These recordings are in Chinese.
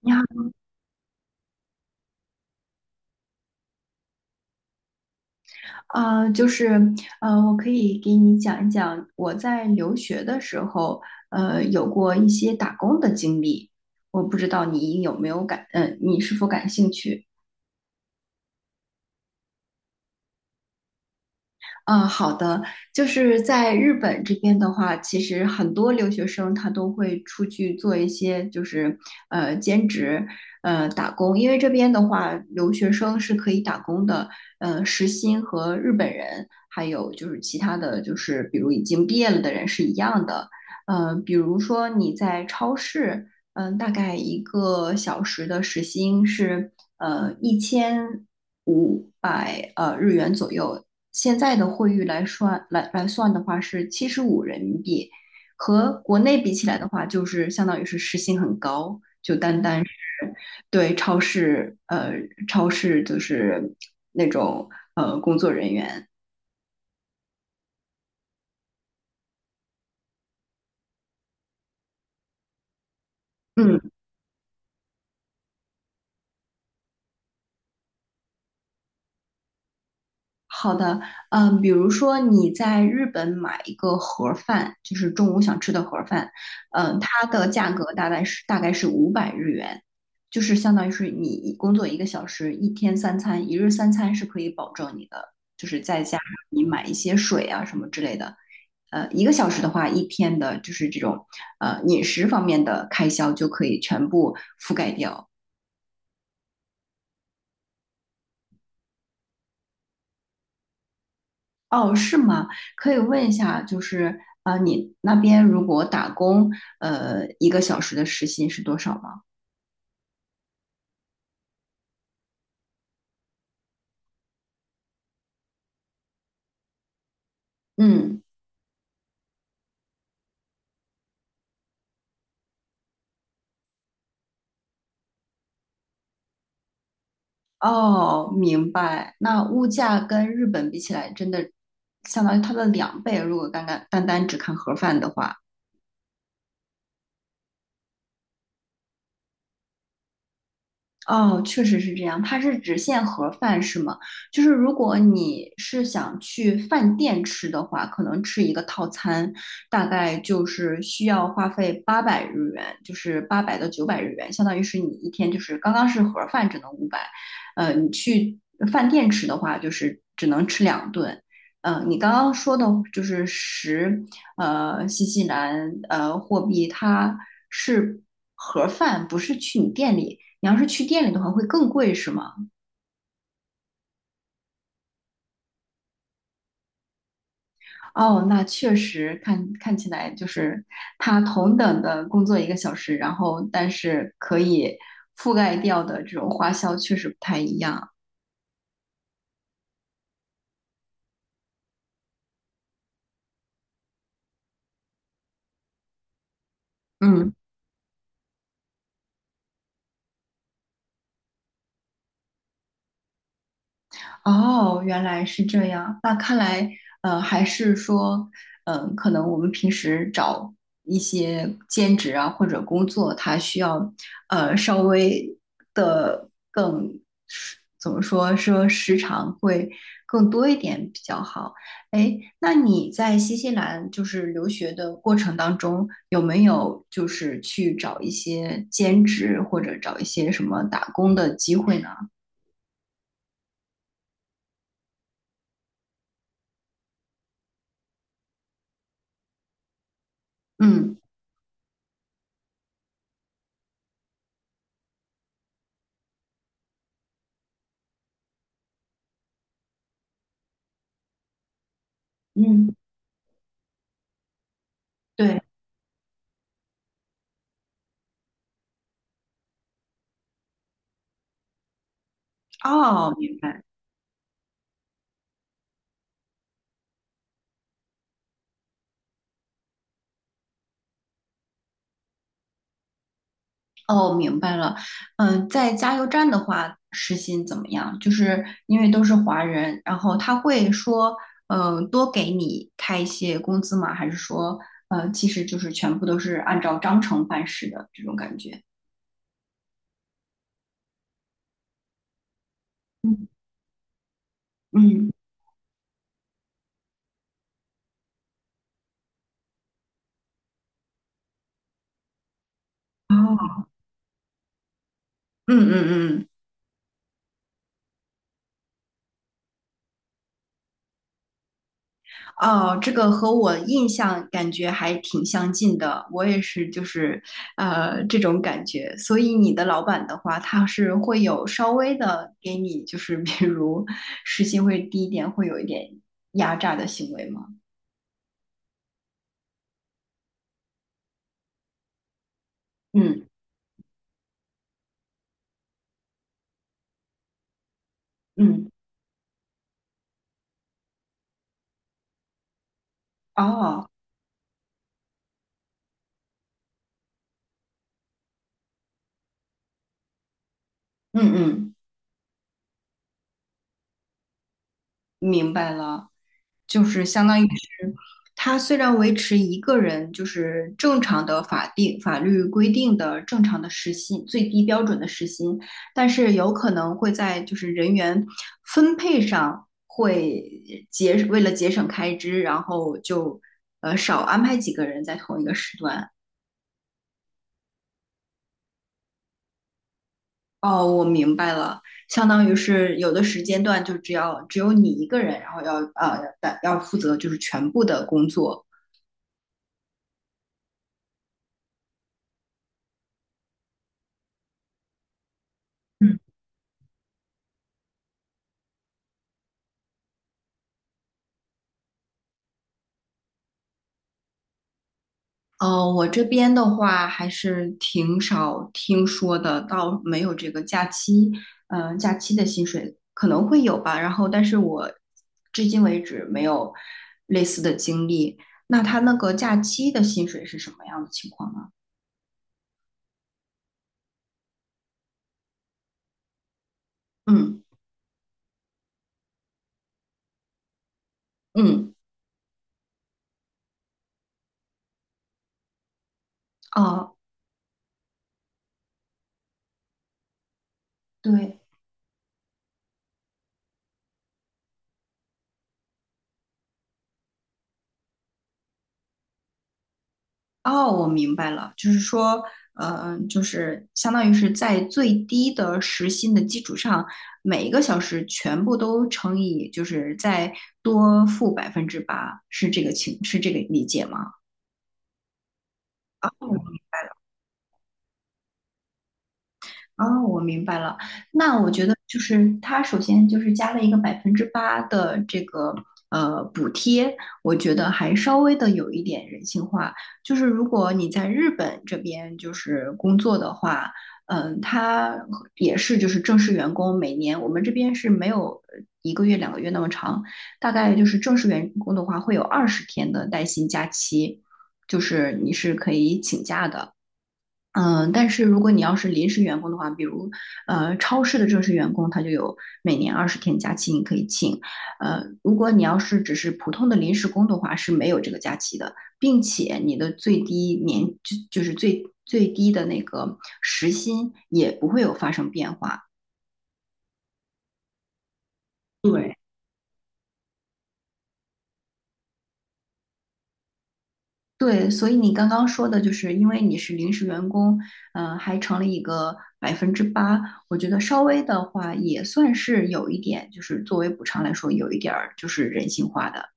你好，就是，我可以给你讲一讲我在留学的时候，有过一些打工的经历。我不知道你有没有感，呃，你是否感兴趣？嗯，好的，就是在日本这边的话，其实很多留学生他都会出去做一些就是兼职，打工，因为这边的话，留学生是可以打工的，时薪和日本人还有就是其他的就是比如已经毕业了的人是一样的，比如说你在超市，大概一个小时的时薪是1500日元左右，现在的汇率来算的话是75人民币，和国内比起来的话，就是相当于是时薪很高，就单单对超市就是那种工作人员。嗯，好的。嗯，比如说你在日本买一个盒儿饭，就是中午想吃的盒儿饭。嗯，它的价格大概是500日元，就是相当于是你工作一个小时，一天三餐，一日三餐是可以保证你的，就是再加上你买一些水啊什么之类的，一个小时的话，一天的就是这种饮食方面的开销就可以全部覆盖掉。哦，是吗？可以问一下，就是啊，你那边如果打工，一个小时的时薪是多少吗？嗯。哦，明白。那物价跟日本比起来，真的相当于它的两倍。如果单单只看盒饭的话。哦，确实是这样，它是只限盒饭是吗？就是如果你是想去饭店吃的话，可能吃一个套餐，大概就是需要花费800日元，就是800到900日元，相当于是你一天就是刚刚是盒饭只能五百，你去饭店吃的话就是只能吃两顿。你刚刚说的就是十，新西兰货币它是盒饭，不是去你店里，你要是去店里的话会更贵是吗？哦，那确实看起来就是他同等的工作一个小时，然后但是可以覆盖掉的这种花销确实不太一样。嗯。哦，原来是这样。那看来，还是说，可能我们平时找一些兼职啊或者工作，它需要，稍微的更，怎么说，说时长会更多一点比较好。哎，那你在新西兰就是留学的过程当中，有没有就是去找一些兼职或者找一些什么打工的机会呢？嗯嗯，对。哦，明白。哦，明白了。嗯，在加油站的话，时薪怎么样？就是因为都是华人，然后他会说，嗯，多给你开一些工资吗？还是说，其实就是全部都是按照章程办事的这种感觉？嗯嗯。哦。嗯嗯。哦，这个和我印象感觉还挺相近的，我也是，就是这种感觉。所以你的老板的话，他是会有稍微的给你，就是比如时薪会低一点，会有一点压榨的行为吗？嗯嗯。哦。嗯嗯，明白了。就是相当于是，他虽然维持一个人就是正常的法定法律规定的正常的时薪最低标准的时薪，但是有可能会在就是人员分配上会为了节省开支，然后就少安排几个人在同一个时段。哦，我明白了，相当于是有的时间段就只有你一个人，然后要负责就是全部的工作。嗯。哦，我这边的话还是挺少听说的，倒没有这个假期，假期的薪水可能会有吧。然后，但是我至今为止没有类似的经历。那他那个假期的薪水是什么样的情况呢？嗯嗯。哦，对。哦，我明白了，就是说，嗯，就是相当于是在最低的时薪的基础上，每一个小时全部都乘以，就是再多付百分之八，是这个情，是这个理解吗？哦。哦，我明白了。那我觉得就是它首先就是加了一个百分之八的这个补贴，我觉得还稍微的有一点人性化。就是如果你在日本这边就是工作的话，它也是就是正式员工，每年我们这边是没有一个月2个月那么长，大概就是正式员工的话会有二十天的带薪假期，就是你是可以请假的。但是如果你要是临时员工的话，比如超市的正式员工，他就有每年二十天假期你可以请。如果你要是只是普通的临时工的话，是没有这个假期的，并且你的最低年就是最最低的那个时薪也不会有发生变化。对。对，所以你刚刚说的就是，因为你是临时员工，还成了一个百分之八，我觉得稍微的话也算是有一点，就是作为补偿来说，有一点儿就是人性化的。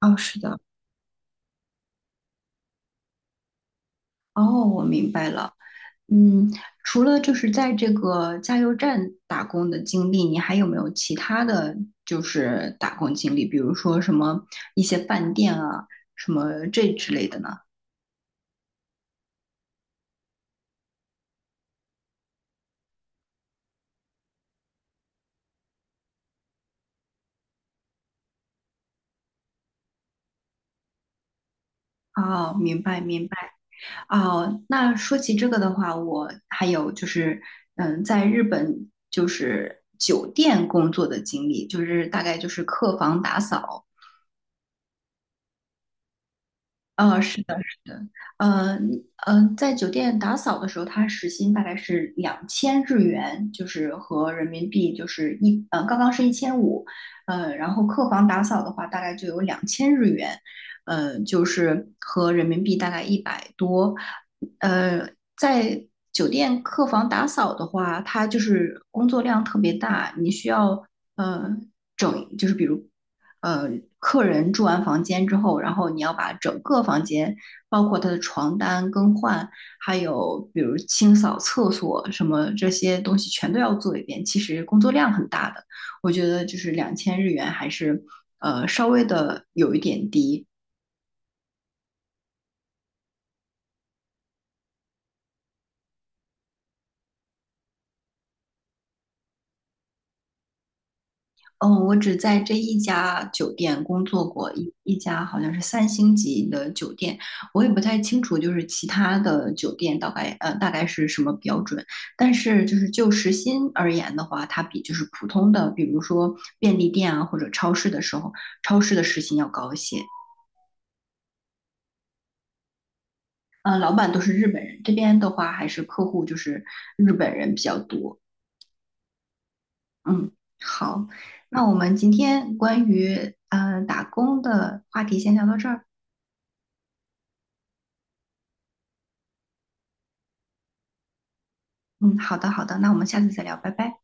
哦，是的。哦，我明白了。嗯，除了就是在这个加油站打工的经历，你还有没有其他的就是打工经历？比如说什么一些饭店啊，什么这之类的呢？哦，明白明白。哦，那说起这个的话，我还有就是，嗯，在日本就是酒店工作的经历，就是大概就是客房打扫。啊，是的，是的。在酒店打扫的时候，他时薪大概是两千日元，就是和人民币就是嗯，刚刚是一千五。嗯，然后客房打扫的话，大概就有两千日元。嗯，就是和人民币大概100多。呃，在酒店客房打扫的话，它就是工作量特别大，你需要。呃，就是比如，呃，客人住完房间之后，然后你要把整个房间，包括他的床单更换，还有比如清扫厕所什么这些东西全都要做一遍，其实工作量很大的。我觉得就是两千日元还是稍微的有一点低。嗯，我只在这一家酒店工作过，一家好像是3星级的酒店。我也不太清楚，就是其他的酒店大概大概是什么标准。但是就是就时薪而言的话，它比就是普通的，比如说便利店啊或者超市的时候，超市的时薪要高一些。老板都是日本人，这边的话还是客户就是日本人比较多。嗯，好，那我们今天关于打工的话题先聊到这儿。嗯，好的，好的，那我们下次再聊，拜拜。